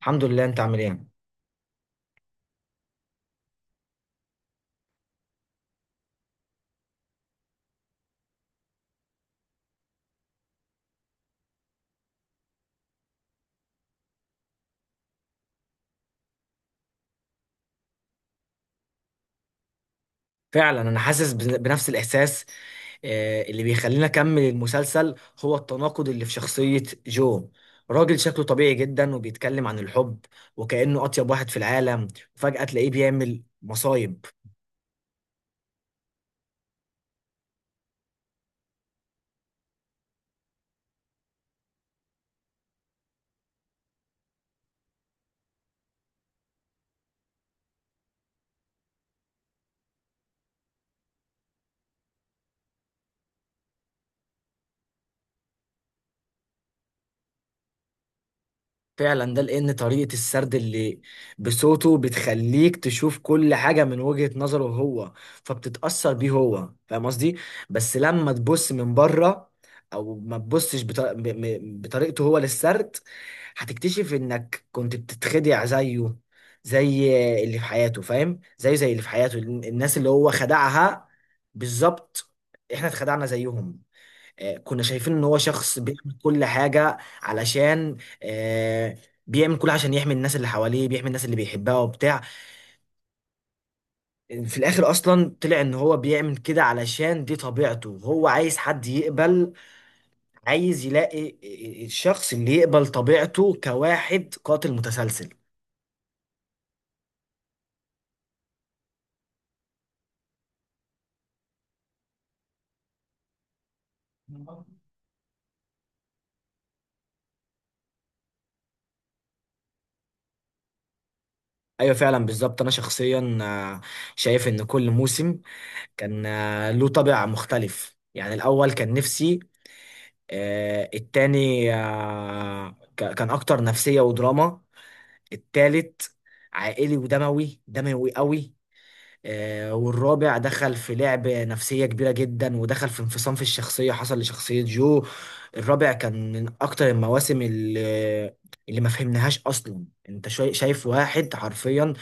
الحمد لله. انت عامل ايه؟ فعلا انا حاسس بنفس الاحساس. اللي بيخلينا اكمل المسلسل هو التناقض اللي في شخصية جو. راجل شكله طبيعي جدا وبيتكلم عن الحب وكأنه اطيب واحد في العالم، وفجأة تلاقيه بيعمل مصايب. فعلا ده لان طريقة السرد اللي بصوته بتخليك تشوف كل حاجة من وجهة نظره هو، فبتتأثر بيه هو. فاهم قصدي؟ بس لما تبص من بره او ما تبصش بطريقته هو للسرد، هتكتشف انك كنت بتتخدع زيه. زي اللي في حياته، فاهم؟ زيه زي اللي في حياته الناس اللي هو خدعها بالظبط، احنا اتخدعنا زيهم. كنا شايفين ان هو شخص بيعمل كل حاجة علشان، آه، بيعمل كل عشان يحمي الناس اللي حواليه، بيحمي الناس اللي بيحبها وبتاع. في الاخر اصلا طلع ان هو بيعمل كده علشان دي طبيعته، هو عايز حد يقبل، عايز يلاقي الشخص اللي يقبل طبيعته كواحد قاتل متسلسل. ايوه فعلا بالظبط. انا شخصيا شايف ان كل موسم كان له طابع مختلف. يعني الاول كان نفسي، التاني آه، ك- كان اكتر نفسية ودراما، التالت عائلي ودموي، دموي قوي. والرابع دخل في لعب نفسية كبيرة جدا، ودخل في انفصام في الشخصية حصل لشخصية جو. الرابع كان من اكتر المواسم اللي ما فهمناهاش اصلا. انت شايف واحد حرفيا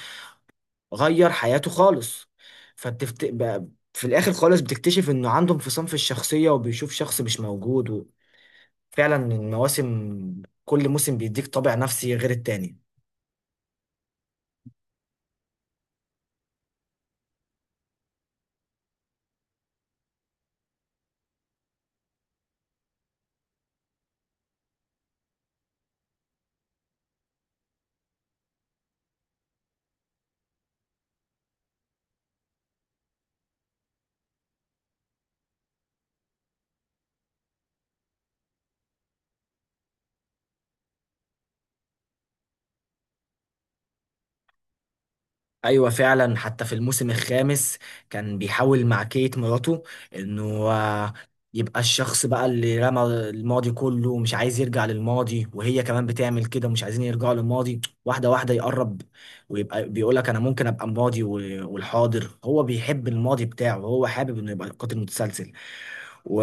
غير حياته خالص، في الاخر خالص بتكتشف انه عنده انفصام في الشخصية وبيشوف شخص مش موجود. فعلا المواسم، كل موسم بيديك طابع نفسي غير التاني. ايوه فعلا. حتى في الموسم الخامس كان بيحاول مع كيت مراته انه آه، يبقى الشخص بقى اللي رمى الماضي كله ومش عايز يرجع للماضي، وهي كمان بتعمل كده ومش عايزين يرجعوا للماضي. واحده واحده يقرب ويبقى بيقولك انا ممكن ابقى الماضي والحاضر. هو بيحب الماضي بتاعه، هو حابب انه يبقى قاتل متسلسل، و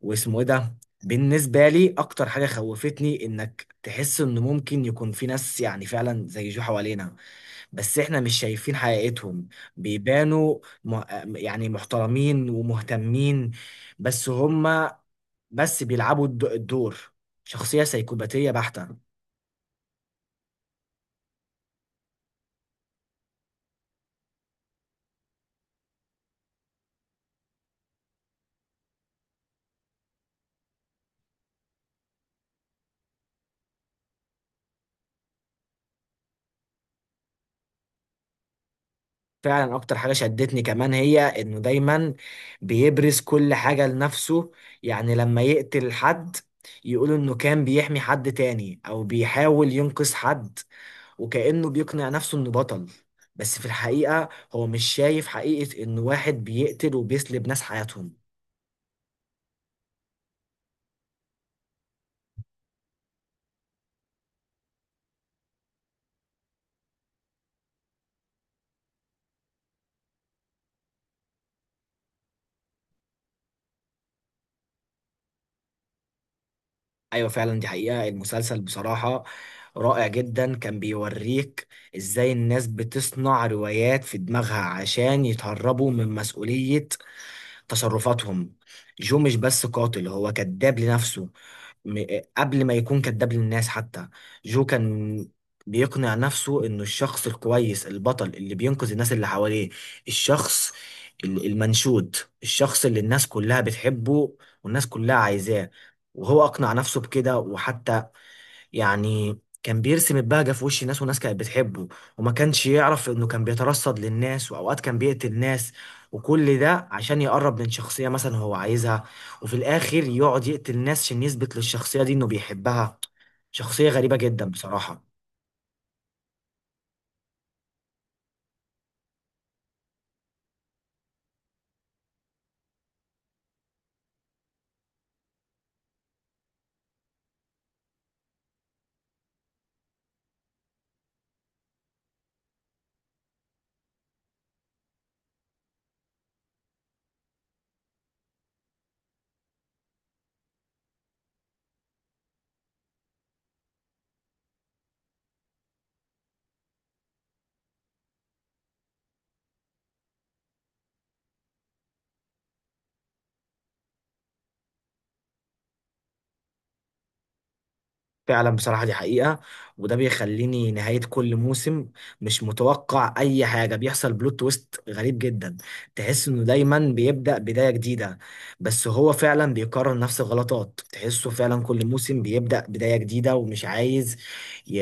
واسمه ايه ده. بالنسبة لي اكتر حاجة خوفتني انك تحس ان ممكن يكون في ناس يعني فعلا زي جو حوالينا، بس احنا مش شايفين حقيقتهم. بيبانوا م... يعني محترمين ومهتمين، بس هما بس بيلعبوا الدور. شخصية سيكوباتية بحتة. فعلا اكتر حاجه شدتني كمان هي انه دايما بيبرز كل حاجه لنفسه. يعني لما يقتل حد، يقول انه كان بيحمي حد تاني او بيحاول ينقذ حد، وكأنه بيقنع نفسه انه بطل. بس في الحقيقه هو مش شايف حقيقه انه واحد بيقتل وبيسلب ناس حياتهم. ايوه فعلا، دي حقيقه المسلسل. بصراحه رائع جدا. كان بيوريك ازاي الناس بتصنع روايات في دماغها عشان يتهربوا من مسؤوليه تصرفاتهم. جو مش بس قاتل، هو كذاب لنفسه م- قبل ما يكون كذاب للناس حتى. جو كان بيقنع نفسه انه الشخص الكويس البطل اللي بينقذ الناس اللي حواليه، الشخص المنشود، الشخص اللي الناس كلها بتحبه والناس كلها عايزاه. وهو اقنع نفسه بكده، وحتى يعني كان بيرسم البهجة في وش ناس، وناس كانت بتحبه وما كانش يعرف انه كان بيترصد للناس، واوقات كان بيقتل ناس. وكل ده عشان يقرب من شخصية مثلا هو عايزها، وفي الاخر يقعد يقتل ناس عشان يثبت للشخصية دي انه بيحبها. شخصية غريبة جدا بصراحة. فعلا بصراحة دي حقيقة. وده بيخليني نهاية كل موسم مش متوقع أي حاجة، بيحصل بلوت تويست غريب جدا. تحس إنه دايما بيبدأ بداية جديدة، بس هو فعلا بيكرر نفس الغلطات. تحسه فعلا كل موسم بيبدأ بداية جديدة ومش عايز ي-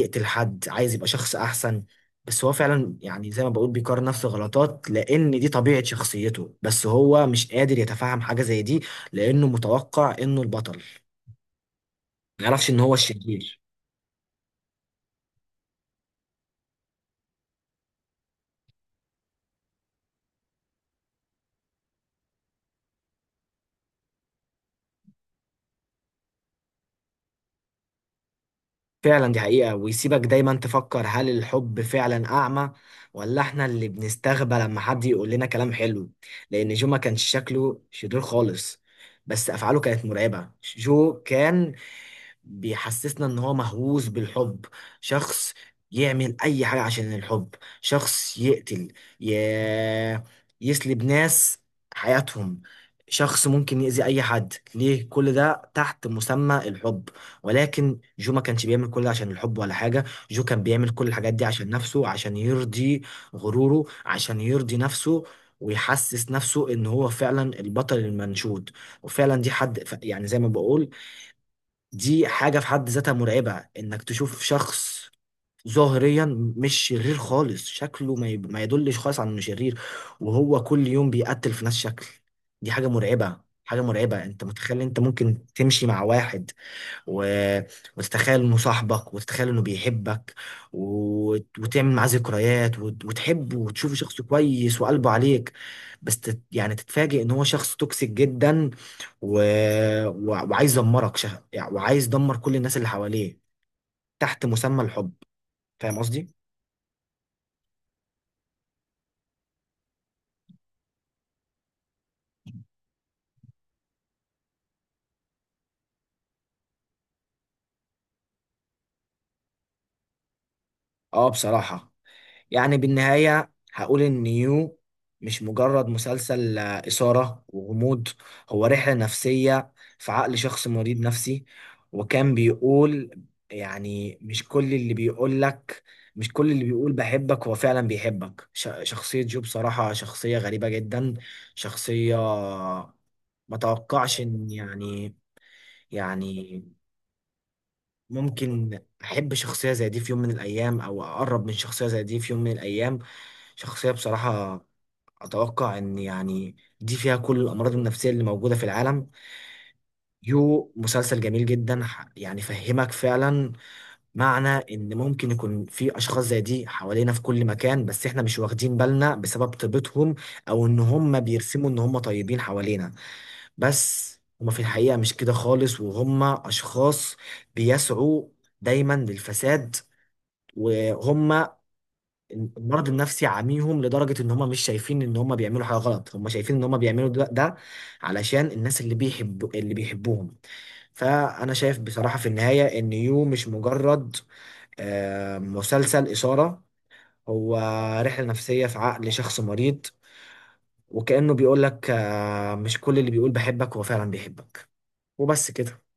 يقتل حد، عايز يبقى شخص أحسن. بس هو فعلا يعني زي ما بقول بيكرر نفس الغلطات، لأن دي طبيعة شخصيته، بس هو مش قادر يتفهم حاجة زي دي لأنه متوقع إنه البطل، ما يعرفش إن هو الشرير. فعلا دي حقيقة، ويسيبك دايما تفكر هل الحب فعلا أعمى، ولا احنا اللي بنستغبى لما حد يقول لنا كلام حلو. لأن جو ما كانش شكله شرير خالص، بس أفعاله كانت مرعبة. جو كان بيحسسنا ان هو مهووس بالحب، شخص يعمل اي حاجة عشان الحب، شخص يقتل، ي... يسلب ناس حياتهم، شخص ممكن يأذي اي حد ليه كل ده تحت مسمى الحب. ولكن جو ما كانش بيعمل كل ده عشان الحب ولا حاجة، جو كان بيعمل كل الحاجات دي عشان نفسه، عشان يرضي غروره، عشان يرضي نفسه ويحسس نفسه ان هو فعلا البطل المنشود. وفعلا دي يعني زي ما بقول، دي حاجة في حد ذاتها مرعبة، انك تشوف شخص ظاهريا مش شرير خالص، شكله ما يدلش خالص على انه شرير، وهو كل يوم بيقتل في ناس شكل. دي حاجة مرعبة، حاجة مرعبة. انت متخيل انت ممكن تمشي مع واحد و... وتتخيل انه صاحبك، وتتخيل انه بيحبك، وتعمل معاه ذكريات، وتحبه وتشوفه شخص كويس وقلبه عليك، بس يعني تتفاجئ ان هو شخص توكسيك جدا، و... وعايز يعني وعايز يدمر كل الناس اللي حواليه تحت مسمى الحب. فاهم قصدي؟ اه بصراحة، يعني بالنهاية هقول إن يو مش مجرد مسلسل إثارة وغموض، هو رحلة نفسية في عقل شخص مريض نفسي. وكان بيقول يعني مش كل اللي بيقول لك، مش كل اللي بيقول بحبك هو فعلا بيحبك. شخصية جو بصراحة شخصية غريبة جدا، شخصية ما توقعش إن يعني ممكن احب شخصيه زي دي في يوم من الايام، او اقرب من شخصيه زي دي في يوم من الايام. شخصيه بصراحه اتوقع ان يعني دي فيها كل الامراض النفسيه اللي موجوده في العالم. يو مسلسل جميل جدا، يعني فهمك فعلا معنى ان ممكن يكون في اشخاص زي دي حوالينا في كل مكان، بس احنا مش واخدين بالنا بسبب طيبتهم، او ان هم بيرسموا ان هم طيبين حوالينا، بس هما في الحقيقه مش كده خالص. وهم اشخاص بيسعوا دايما للفساد، وهم المرض النفسي عاميهم لدرجة ان هم مش شايفين ان هم بيعملوا حاجة غلط، هم شايفين ان هم بيعملوا ده علشان الناس اللي بيحب اللي بيحبوهم. فانا شايف بصراحة في النهاية ان يو مش مجرد مسلسل إثارة، هو رحلة نفسية في عقل شخص مريض، وكأنه بيقول لك مش كل اللي بيقول بحبك هو فعلا بيحبك. وبس كده.